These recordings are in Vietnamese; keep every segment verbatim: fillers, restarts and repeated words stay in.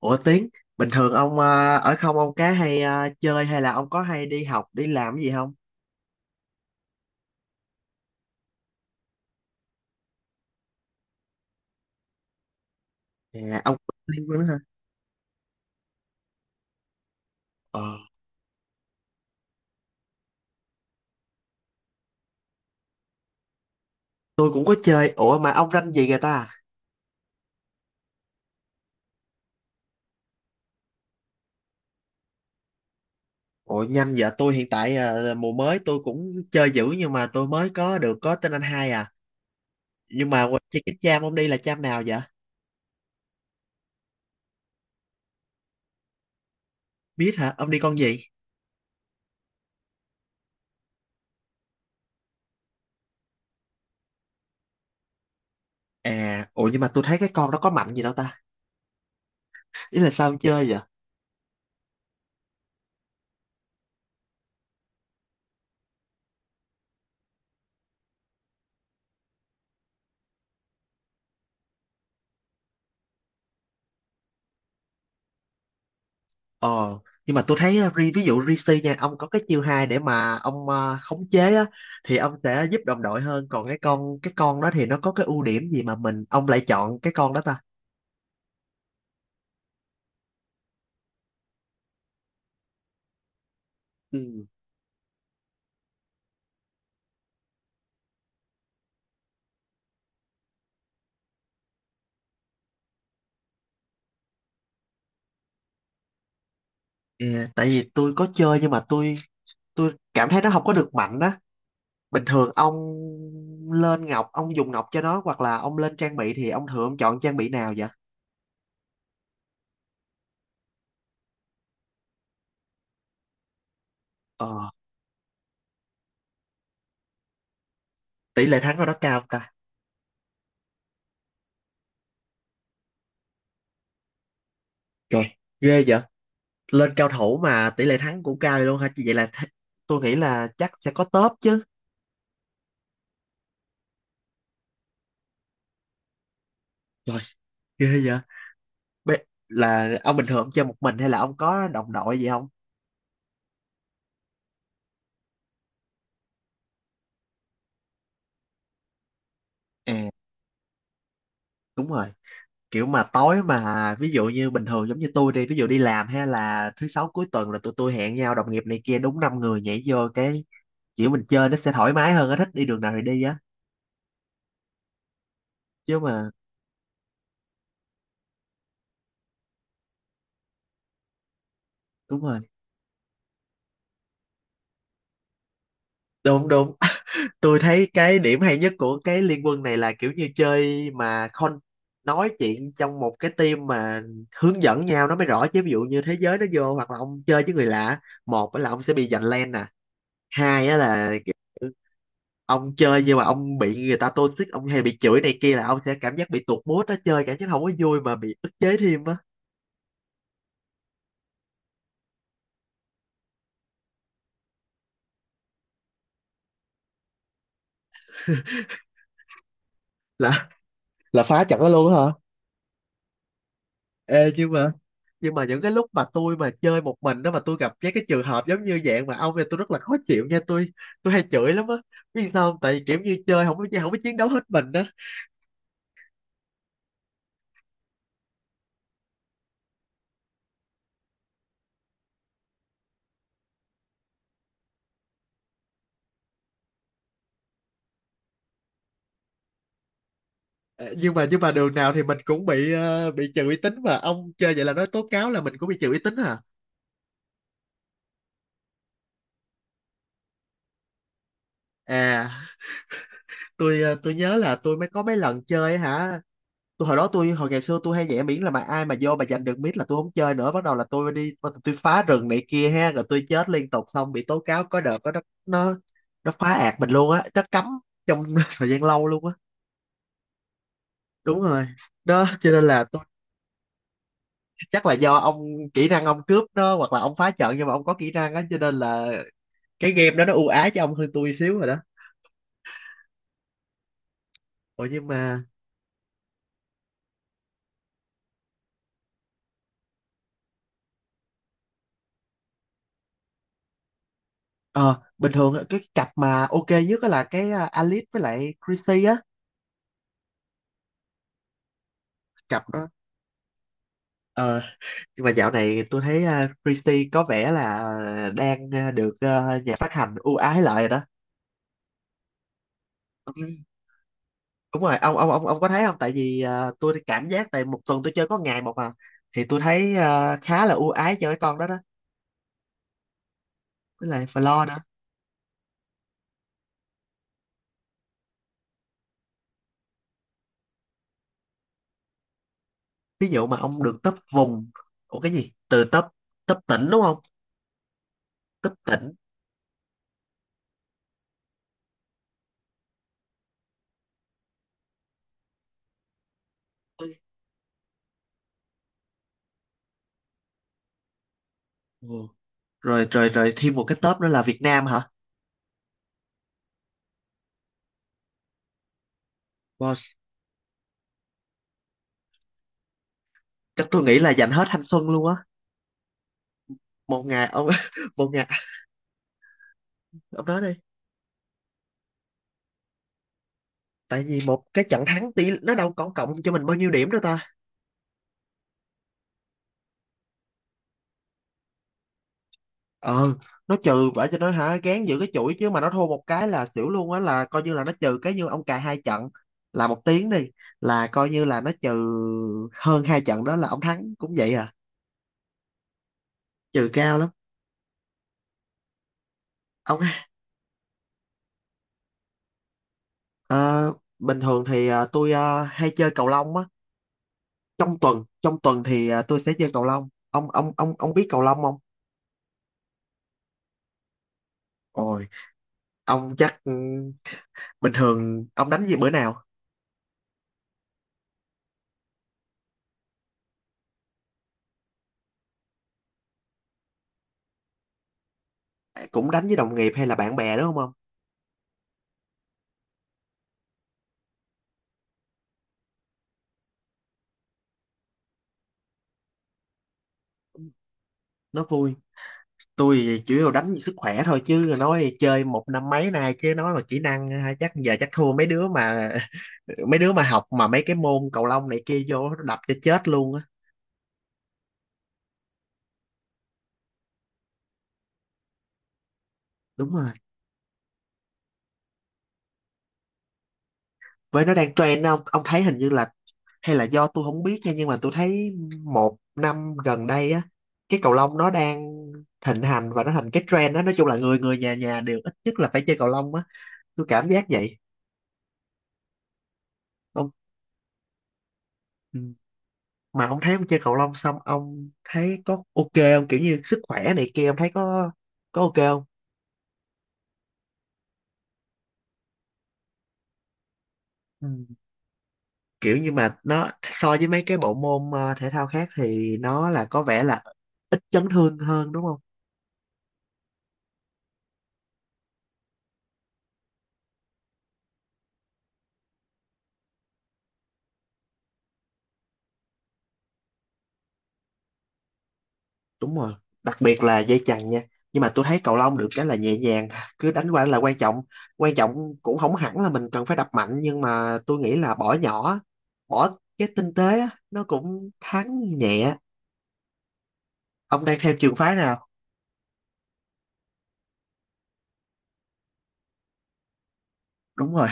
Ủa Tiến, bình thường ông ờ, ở không ông cá hay ờ, chơi hay là ông có hay đi học, đi làm cái gì không? À, ông có liên quan đó hả? Ờ, tôi cũng có chơi. Ủa mà ông ranh gì người ta? Ủa nhanh vậy, tôi hiện tại ờ, mùa mới tôi cũng chơi dữ nhưng mà tôi mới có được có tên anh hai à. Nhưng mà qua- chơi cái cham ông đi là cham nào vậy? Biết hả? Ông đi con gì? À, ủa nhưng mà tôi thấy cái con đó có mạnh gì đâu ta? Ý là sao ông chơi vậy? Ờ, nhưng mà tôi thấy uh, ri- ví dụ Rishi nha, ông có cái chiêu hai để mà ông uh, khống chế á thì ông sẽ giúp đồng đội hơn, còn cái con cái con đó thì nó có cái ưu điểm gì mà mình ông lại chọn cái con đó ta? Ừ. Ờ, tại vì tôi có chơi nhưng mà tôi tôi cảm thấy nó không có được mạnh á. Bình thường ông lên ngọc, ông dùng ngọc cho nó hoặc là ông lên trang bị thì ông thường ông chọn trang bị nào vậy? Ờ, tỷ lệ thắng của nó cao ta. Trời, ghê vậy. Lên cao thủ mà tỷ lệ thắng cũng cao vậy luôn hả chị, vậy là th- tôi nghĩ là chắc sẽ có top chứ. Rồi. Ghê vậy. Bê, là ông bình thường ông chơi một mình hay là ông có đồng đội gì không? À, đúng rồi, kiểu mà tối mà ví dụ như bình thường giống như tôi đi ví dụ đi làm hay là thứ sáu cuối tuần là tụi tôi hẹn nhau đồng nghiệp này kia đúng năm người nhảy vô, cái kiểu mình chơi nó sẽ thoải mái hơn á, thích đi đường nào thì đi á, chứ mà đúng rồi, đúng đúng. Tôi thấy cái điểm hay nhất của cái liên quân này là kiểu như chơi mà con nói chuyện trong một cái team mà hướng dẫn nhau nó mới rõ, chứ ví dụ như thế giới nó vô hoặc là ông chơi với người lạ, một á là ông sẽ bị giành lane nè, hai á là kiểu ông chơi nhưng mà ông bị người ta toxic, ông hay bị chửi này kia là ông sẽ cảm giác bị tụt mood á, chơi cảm giác không có vui mà bị ức chế thêm á. là là phá trận đó luôn á hả? Ê, nhưng mà nhưng mà những cái lúc mà tôi mà chơi một mình đó mà tôi gặp cái cái trường hợp giống như dạng mà ông thì tôi rất là khó chịu nha, tôi tôi hay chửi lắm á, biết sao không? Tại vì kiểu như chơi không có không có chiến đấu hết mình đó. Ờ, nhưng mà nhưng mà đường nào thì mình cũng bị ờ, bị trừ uy tín, mà ông chơi vậy là nói tố cáo là mình cũng bị trừ uy tín hả? À, tôi ờ, tôi nhớ là tôi mới có mấy lần chơi hả, tôi hồi đó tôi hồi ngày xưa tôi hay nhảy, miễn là mà ai mà vô mà giành được miết là tôi không chơi nữa, bắt đầu là tôi đi, tôi phá rừng này kia ha, rồi tôi chết liên tục xong bị tố cáo, có đợt có nó nó nó phá ạt mình luôn á, nó cấm trong thời gian lâu luôn á. Đúng rồi, đó cho nên là tôi chắc là do ông kỹ năng ông cướp đó, hoặc là ông phá trận nhưng mà ông có kỹ năng á, cho nên là cái game đó nó ưu ái cho ông hơn tôi xíu rồi đó. Ủa nhưng mà ờ, bình thường á, cái cặp mà ok nhất á là cái à, Alice với lại Chrissy á, cặp đó. Ờ, nhưng mà dạo này tôi thấy uh, Christie có vẻ là đang ờ, được ờ, nhà phát hành ưu ái lại rồi đó. Ừ, đúng rồi, ông ông ông ông có thấy không, tại vì ờ, tôi cảm giác tại một tuần tôi chơi có ngày một mà thì tôi thấy ờ, khá là ưu ái cho cái con đó đó, với lại floor đó. Ví dụ mà ông được top vùng, ủa cái gì từ top top tỉnh đúng không, top tỉnh. Ừ. Rồi rồi rồi, thêm một cái top nữa là Việt Nam hả? Boss, chắc tôi nghĩ là dành hết thanh xuân luôn á. Một ngày ông, một ngày. Ông nói đi. Tại vì một cái trận thắng tỷ nó đâu có cộng cho mình bao nhiêu điểm đâu ta. Ờ, nó trừ vậy cho nó hả, gán giữ cái chuỗi chứ mà nó thua một cái là xỉu luôn á, là coi như là nó trừ cái như ông cài hai trận là một tiếng đi, là coi như là nó trừ hơn hai trận đó, là ông thắng cũng vậy à, trừ cao lắm. Ông ờ, bình thường thì ờ, tôi ờ, hay chơi cầu lông á, trong tuần trong tuần thì ờ, tôi sẽ chơi cầu lông, ông ông ông ông biết cầu lông không? Ôi, ông chắc ừ, bình thường ông đánh gì bữa nào, cũng đánh với đồng nghiệp hay là bạn bè đúng không ông? Nó vui. Tôi thì chủ yếu đánh vì sức khỏe thôi, chứ nói chơi một năm mấy nay chứ nói mà kỹ năng ha, chắc giờ chắc thua mấy đứa mà mấy đứa mà học mà mấy cái môn cầu lông này kia vô nó đập cho chết luôn á. Đúng rồi, với nó đang trend đó, ông ông thấy hình như là hay là do tôi không biết nha, nhưng mà tôi thấy một năm gần đây á, cái cầu lông nó đang thịnh hành và nó thành cái trend đó, nói chung là người người nhà nhà đều ít nhất là phải chơi cầu lông á, tôi cảm giác vậy. Ông, ừ. Mà ông thấy ông chơi cầu lông xong ông thấy có ok không, kiểu như sức khỏe này kia ông thấy có có ok không? Ừ. Kiểu như mà nó so với mấy cái bộ môn ờ, thể thao khác thì nó là có vẻ là ít chấn thương hơn đúng không? Đúng rồi, đặc biệt là dây chằng nha, nhưng mà tôi thấy cầu lông được cái là nhẹ nhàng, cứ đánh qua là quan trọng, quan trọng cũng không hẳn là mình cần phải đập mạnh, nhưng mà tôi nghĩ là bỏ nhỏ, bỏ cái tinh tế á, nó cũng thắng nhẹ. Ông đang theo trường phái nào? Đúng rồi,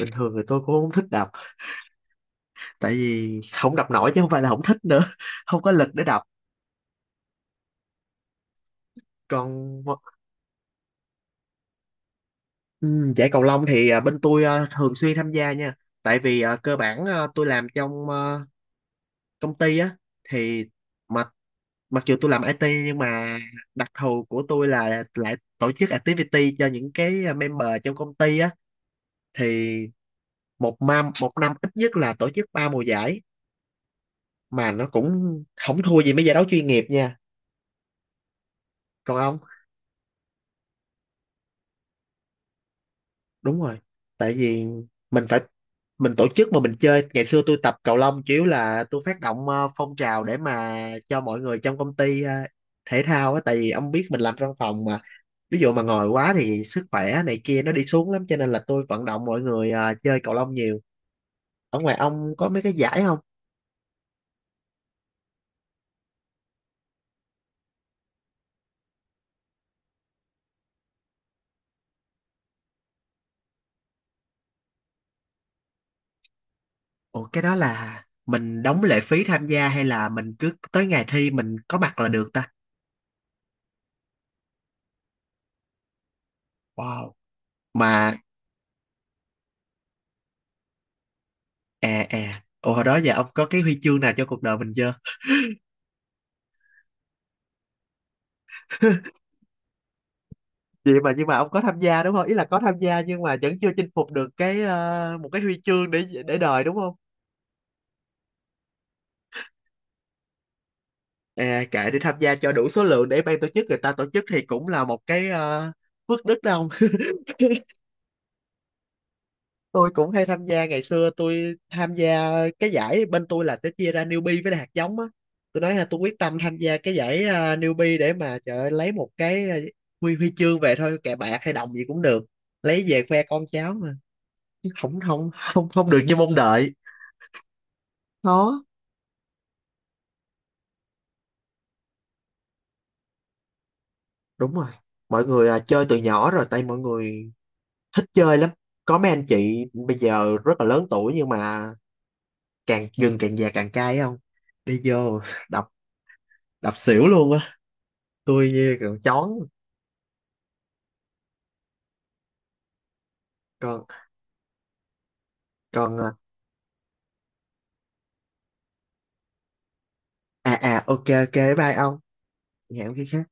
bình thường thì tôi cũng không thích đọc, tại vì không đọc nổi chứ không phải là không thích nữa, không có lực để đọc. Còn ừ, giải cầu lông thì à, bên tôi à, thường xuyên tham gia nha, tại vì à, cơ bản à, tôi làm trong à, công ty á thì mặc mặc dù tôi làm i tê nhưng mà đặc thù của tôi là lại tổ chức activity cho những cái à, member trong công ty á, thì một năm một năm ít nhất là tổ chức ba mùa giải, mà nó cũng không thua gì mấy giải đấu chuyên nghiệp nha. Còn ông, đúng rồi, tại vì mình phải mình tổ chức mà mình chơi, ngày xưa tôi tập cầu lông chủ yếu là tôi phát động ờ, phong trào để mà cho mọi người trong công ty ờ, thể thao á, tại vì ông biết mình làm văn phòng mà, ví dụ mà ngồi quá thì sức khỏe này kia nó đi xuống lắm cho nên là tôi vận động mọi người ờ, chơi cầu lông nhiều. Ở ngoài ông có mấy cái giải không? Ủa cái đó là mình đóng lệ phí tham gia hay là mình cứ tới ngày thi mình có mặt là được ta? Wow, mà à à ủa hồi đó giờ ông có cái huy chương nào cho cuộc đời mình chưa? Vậy mà, nhưng mà ông có tham gia đúng không, ý là có tham gia nhưng mà vẫn chưa chinh phục được cái ờ, một cái huy chương để để đời đúng không? À, kệ đi, tham gia cho đủ số lượng để ban tổ chức người ta tổ chức thì cũng là một cái ờ, phước đức đâu. Tôi cũng hay tham gia, ngày xưa tôi tham gia cái giải bên tôi là sẽ chia ra newbie với lại hạt giống á, tôi nói là tôi quyết tâm tham gia cái giải ờ, newbie để mà trời ơi, lấy một cái ờ, huy huy chương về thôi, kệ bạc hay đồng gì cũng được, lấy về khoe con cháu mà. Chứ không, không không không được như mong đợi, khó. Đúng rồi, mọi người à, chơi từ nhỏ rồi, tại mọi người thích chơi lắm, có mấy anh chị bây giờ rất là lớn tuổi nhưng mà càng gừng càng già càng cay không, đi vô đập, đập xỉu luôn á. Tôi như còn chón, còn còn à à, ok ok, bye ông, hẹn khi khác.